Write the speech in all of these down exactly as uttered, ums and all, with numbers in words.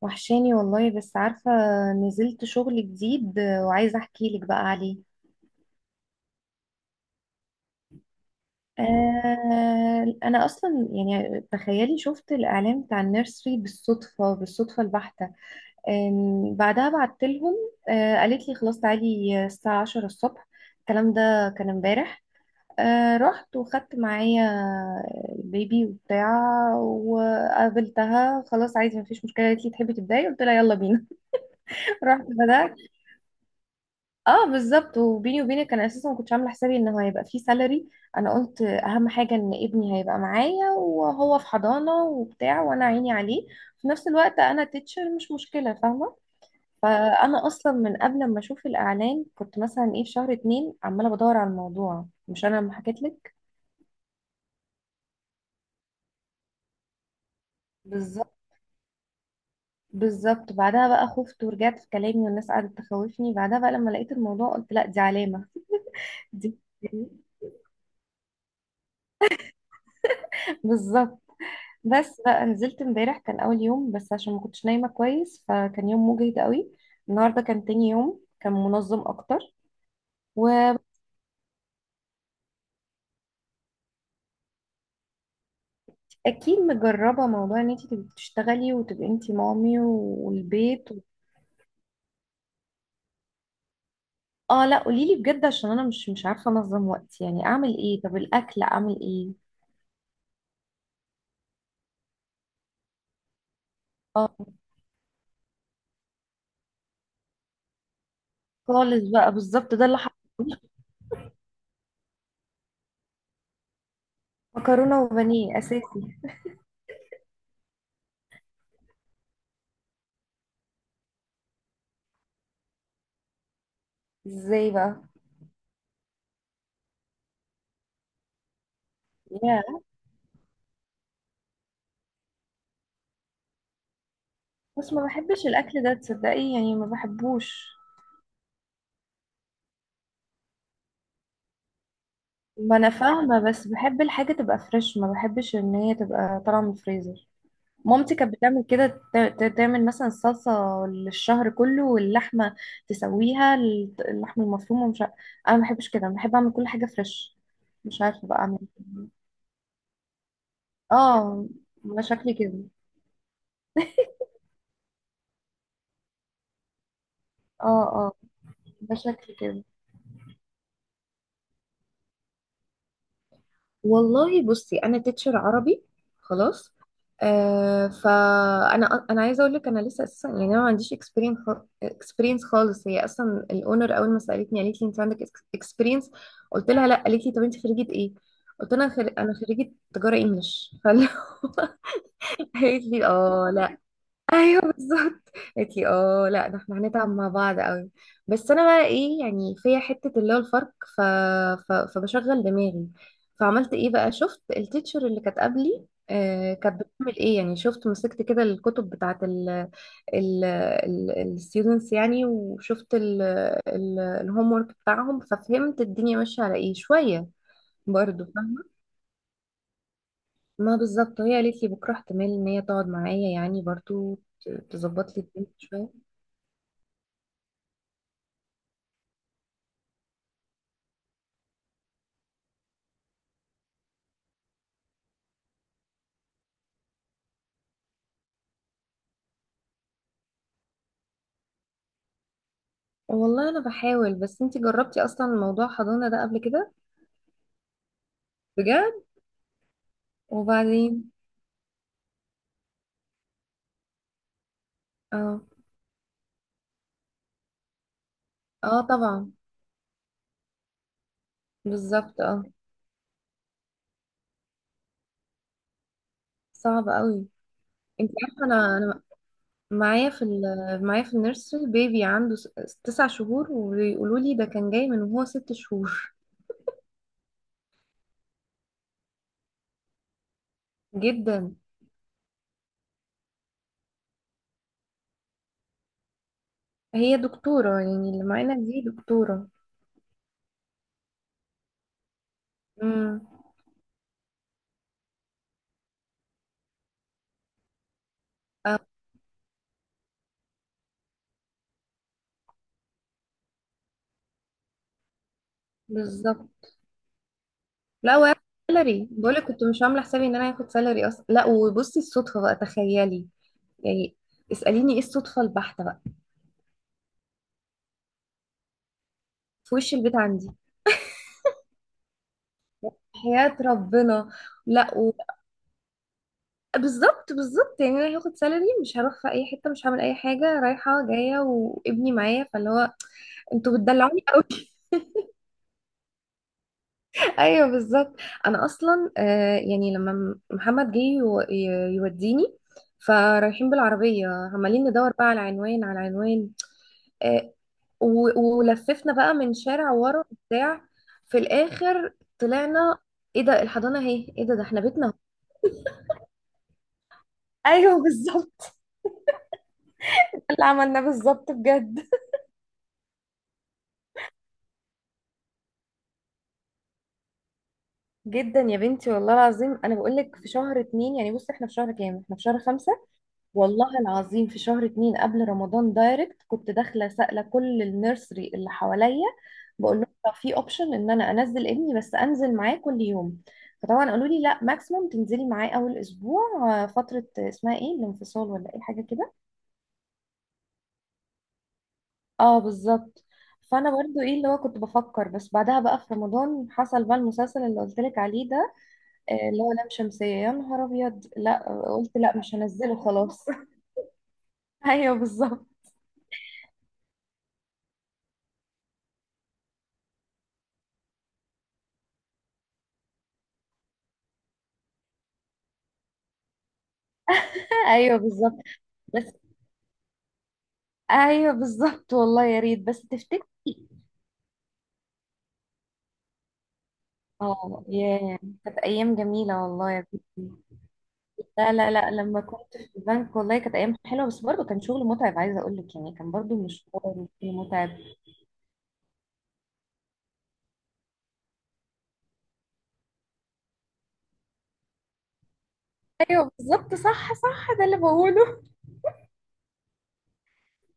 وحشاني والله بس عارفة. نزلت شغل جديد وعايزة احكي لك بقى عليه. آه انا اصلا يعني تخيلي شفت الاعلان بتاع النيرسري بالصدفة بالصدفة البحتة. آم، بعدها بعت لهم. آه قالت لي خلاص تعالي الساعة العاشرة الصبح. الكلام ده كان امبارح. آه رحت وخدت معايا البيبي وبتاع، وقابلتها. خلاص عايزة، مفيش مشكلة. قالت لي تحبي تبداي؟ قلت لها يلا بينا. رحت بدأت. اه بالظبط، وبيني وبينك انا اساسا ما كنتش عامله حسابي انه هيبقى فيه سالري. انا قلت اهم حاجه ان ابني هيبقى معايا وهو في حضانه وبتاع وانا عيني عليه. في نفس الوقت انا تيتشر، مش مشكله، فاهمه. فانا اصلا من قبل ما اشوف الاعلان كنت مثلا ايه في شهر اتنين عماله بدور على الموضوع، مش انا لما حكيت لك؟ بالظبط. بالظبط، بعدها بقى خفت ورجعت في كلامي والناس قعدت تخوفني. بعدها بقى لما لقيت الموضوع قلت لا، دي علامه. دي بالظبط. بس بقى نزلت امبارح، كان اول يوم بس عشان ما كنتش نايمه كويس فكان يوم مجهد قوي. النهارده كان تاني يوم، كان منظم اكتر. واكيد. مجربه موضوع ان انت تبقي بتشتغلي وتبقي انت مامي والبيت و... اه لا، قولي لي بجد، عشان انا مش مش عارفه انظم وقتي. يعني اعمل ايه؟ طب الاكل اعمل ايه؟ اه خالص بقى، بالظبط ده اللي حصل. مكرونه وبانيه اساسي. ازاي بقى؟ يا، بس ما بحبش الاكل ده، تصدقي؟ يعني ما بحبوش. ما انا فاهمه، بس بحب الحاجه تبقى فريش، ما بحبش ان هي تبقى طالعه من الفريزر. مامتي كانت بتعمل كده، ت- ت- تعمل مثلا الصلصه للشهر كله، واللحمه تسويها الت- اللحمه المفرومه، مش عارف. انا ما بحبش كده، أنا بحب اعمل كل حاجه فريش. مش عارفه بقى اعمل إيه. اه. ده شكلي كده. اه اه. ده شكلي كده. والله بصي، انا تيتشر عربي، خلاص. آه فانا انا عايزه اقول لك انا لسه اساسا، يعني انا ما عنديش اكسبيرينس، اكسبيرينس خالص. هي اصلا الاونر اول ما سالتني قالت لي انت عندك اكسبيرينس؟ قلت لها لا. قالت لي طب انت خريجه ايه؟ قلت لها انا خر... انا خريجه تجاره انجلش. فقالت لي اه. ايوه بالظبط. قالت لي اه لا، ده احنا هنتعب مع بعض قوي. بس انا بقى ايه يعني، فيا حته اللي هو الفرق. ف... ف... فبشغل دماغي. فعملت ايه بقى؟ شفت التيتشر اللي كانت قبلي آه كانت بتعمل ايه يعني، شفت مسكت كده الكتب بتاعت ال ال الستودنتس يعني، وشفت ال ال الهوم ورك بتاعهم، ففهمت الدنيا ماشيه على ايه شويه. برضو فاهمه. ما بالظبط، هي قالت لي بكره احتمال ان هي تقعد معايا يعني برضو، ت- تظبط لي الدنيا شويه. والله انا بحاول، بس انتي جربتي اصلا موضوع حضانة ده قبل كده؟ بجد. وبعدين. اه. اه طبعا. بالظبط اه. صعب قوي. انتي عارفة، انا انا معايا في ال- معايا في النيرسري بيبي عنده س- تسع شهور، وبيقولوا لي ده كان جاي من وهو ست شهور. جدا. هي دكتورة، يعني اللي معانا دي دكتورة. امم. اه بالظبط. لا وهاخد سالري، بقولك كنت مش عاملة حسابي ان انا هاخد سالري اصلا. لا وبصي الصدفة بقى تخيلي يعني، اسأليني ايه الصدفة البحتة بقى. في وش البيت عندي. حياة ربنا. لا و... بالظبط. بالظبط يعني انا هاخد سالري، مش هروح في اي حتة، مش هعمل اي حاجة رايحة جاية، وابني معايا، فاللي هو انتوا بتدلعوني قوي. ايوه بالظبط. انا اصلا آه يعني لما م- محمد جه يو- ي- يوديني، فرايحين بالعربية، عمالين ندور بقى على عنوان على عنوان، آه، و- ولففنا بقى من شارع ورا بتاع، في الاخر طلعنا. ايه ده الحضانه اهي. ايه ده، ده احنا بيتنا أهو. ايوه بالظبط، اللي عملناه بالظبط بجد. جدا يا بنتي، والله العظيم. انا بقول لك في شهر اتنين، يعني بصي احنا في شهر كام؟ احنا في شهر خمسة. والله العظيم في شهر اتنين قبل رمضان دايركت كنت داخله سائله كل النيرسري اللي حواليا، بقول لهم طب في اوبشن ان انا انزل ابني بس انزل معاه كل يوم. فطبعا قالوا لي لا، ماكسيموم تنزلي معاه اول اسبوع، آه، فتره اسمها ايه، الانفصال ولا ايه حاجه كده. اه بالظبط. فانا برضو ايه اللي هو كنت بفكر، بس بعدها بقى في رمضان حصل بقى المسلسل اللي قلت لك عليه ده، آه، اللي هو لام شمسيه. يا نهار ابيض، لا. قلت لا، مش هنزله خلاص. ايوه بالظبط. ايوه بالظبط بس. ايوه بالظبط، والله يا ريت، بس تفتكر. اه ياه. كانت ايام جميله والله يا بنتي. لا لا لا، لما كنت في البنك والله كانت ايام حلوه، بس برضه كان شغل متعب. عايزه اقول لك يعني كان برضه مشوار متعب. ايوه بالظبط. صح صح. ده اللي بقوله.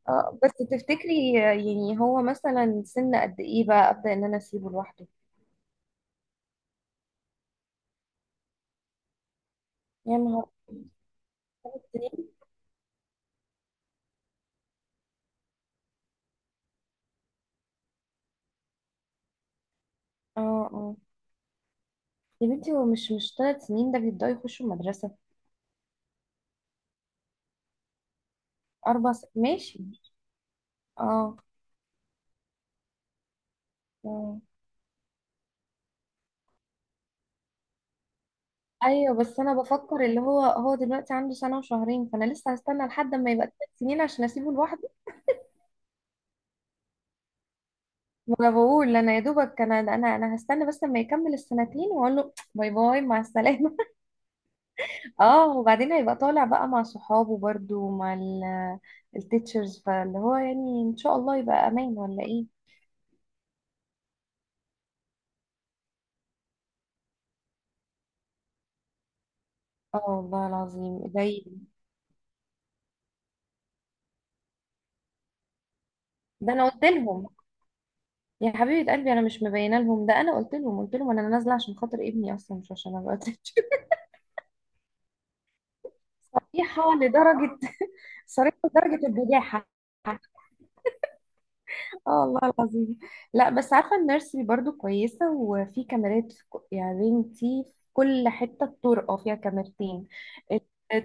اه، بس تفتكري يعني هو مثلا سن قد ايه بقى ابدا ان انا اسيبه لوحده؟ يا نهار، ثلاث سنين؟ اه اه. يا بنتي هو مش مش ثلاث سنين ده بيبداوا يخشوا المدرسه، اربع سنين، ماشي. اه. اه. ايوه بس انا بفكر اللي هو هو دلوقتي عنده سنه وشهرين، فانا لسه هستنى لحد ما يبقى ثلاث سنين عشان اسيبه لوحده. ما انا بقول انا، يا دوبك انا انا انا هستنى بس لما يكمل السنتين واقول له باي باي مع السلامه. اه، وبعدين هيبقى طالع بقى مع صحابه برده ومع التيتشرز، فاللي هو يعني ان شاء الله يبقى امان ولا ايه؟ اه والله العظيم زي. ده انا قلت لهم. يا حبيبه قلبي، انا مش مبينه لهم، ده انا قلت لهم، قلت لهم انا نازله عشان خاطر ابني اصلا مش عشان ابقى تيتشر. صحيحه لدرجه، صريحة لدرجة البجاحة. اه والله العظيم. لا بس عارفة، النيرسري برضو كويسة وفي كاميرات. في ك- يعني بنتي في كل حتة، الطرقة فيها كاميرتين،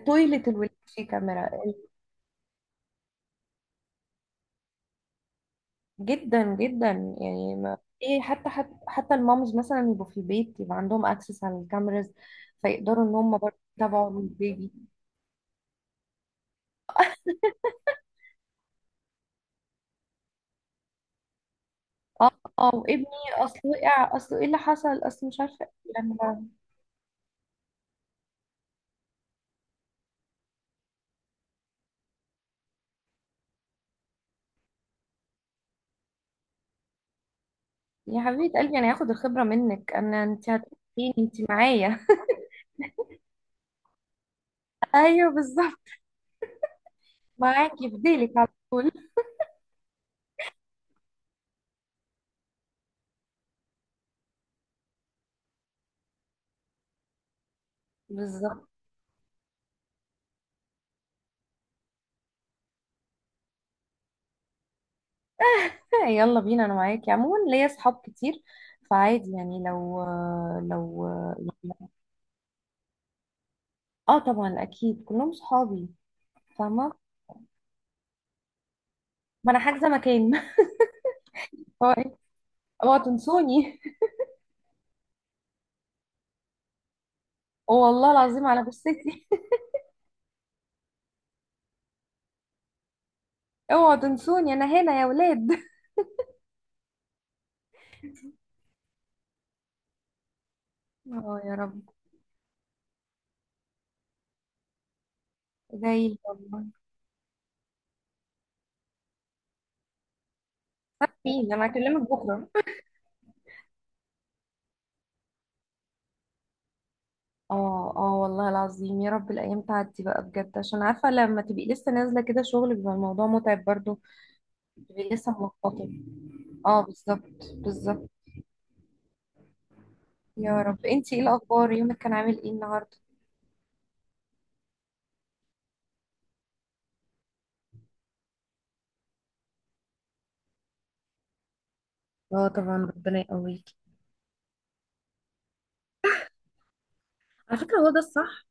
تويلة الولاد فيه كاميرا. جدا جدا. يعني ما، ايه، حتى حتى, حتى المامز مثلا يبقوا في البيت يبقى عندهم اكسس على الكاميرز، فيقدروا ان هم برضو يتابعوا البيبي. اه اه وابني، اصل وقع، اصل ايه اللي حصل، اصل مش عارفة إيه. لما، يا حبيبة قلبي، انا هاخد الخبرة منك. انا انت هتقولين انت معايا. ايوه بالظبط. معاكي في ديلك على طول. بالظبط. يلا بينا، انا معاكي عموما، ليا صحاب كتير، فعادي يعني، لو لو يعني، اه طبعا اكيد كلهم صحابي. فاهمة. ما انا حاجزة مكان. هو إيه؟ اوعوا تنسوني. والله العظيم على جثتي. اوعوا تنسوني، انا هنا يا ولاد. اه يا رب. زي والله. فين انا، هكلمك بكرة. اه اه والله العظيم، يا رب الايام تعدي بقى بجد، عشان عارفه لما تبقي لسه نازله كده شغل بيبقى الموضوع متعب برضو. بتبقي لسه ملخبطه. اه بالظبط بالظبط. يا رب. انتي ايه الاخبار؟ يومك كان عامل ايه النهارده؟ اه طبعا ربنا يقويكي. على فكرة هو ده الصح.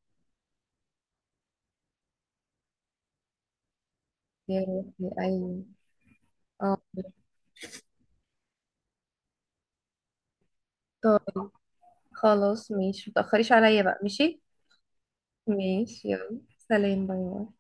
يا روحي ايوه. اه طيب خلاص، ماشي، متأخريش عليا بقى. ماشي. ماشي يلا، سلام باي باي.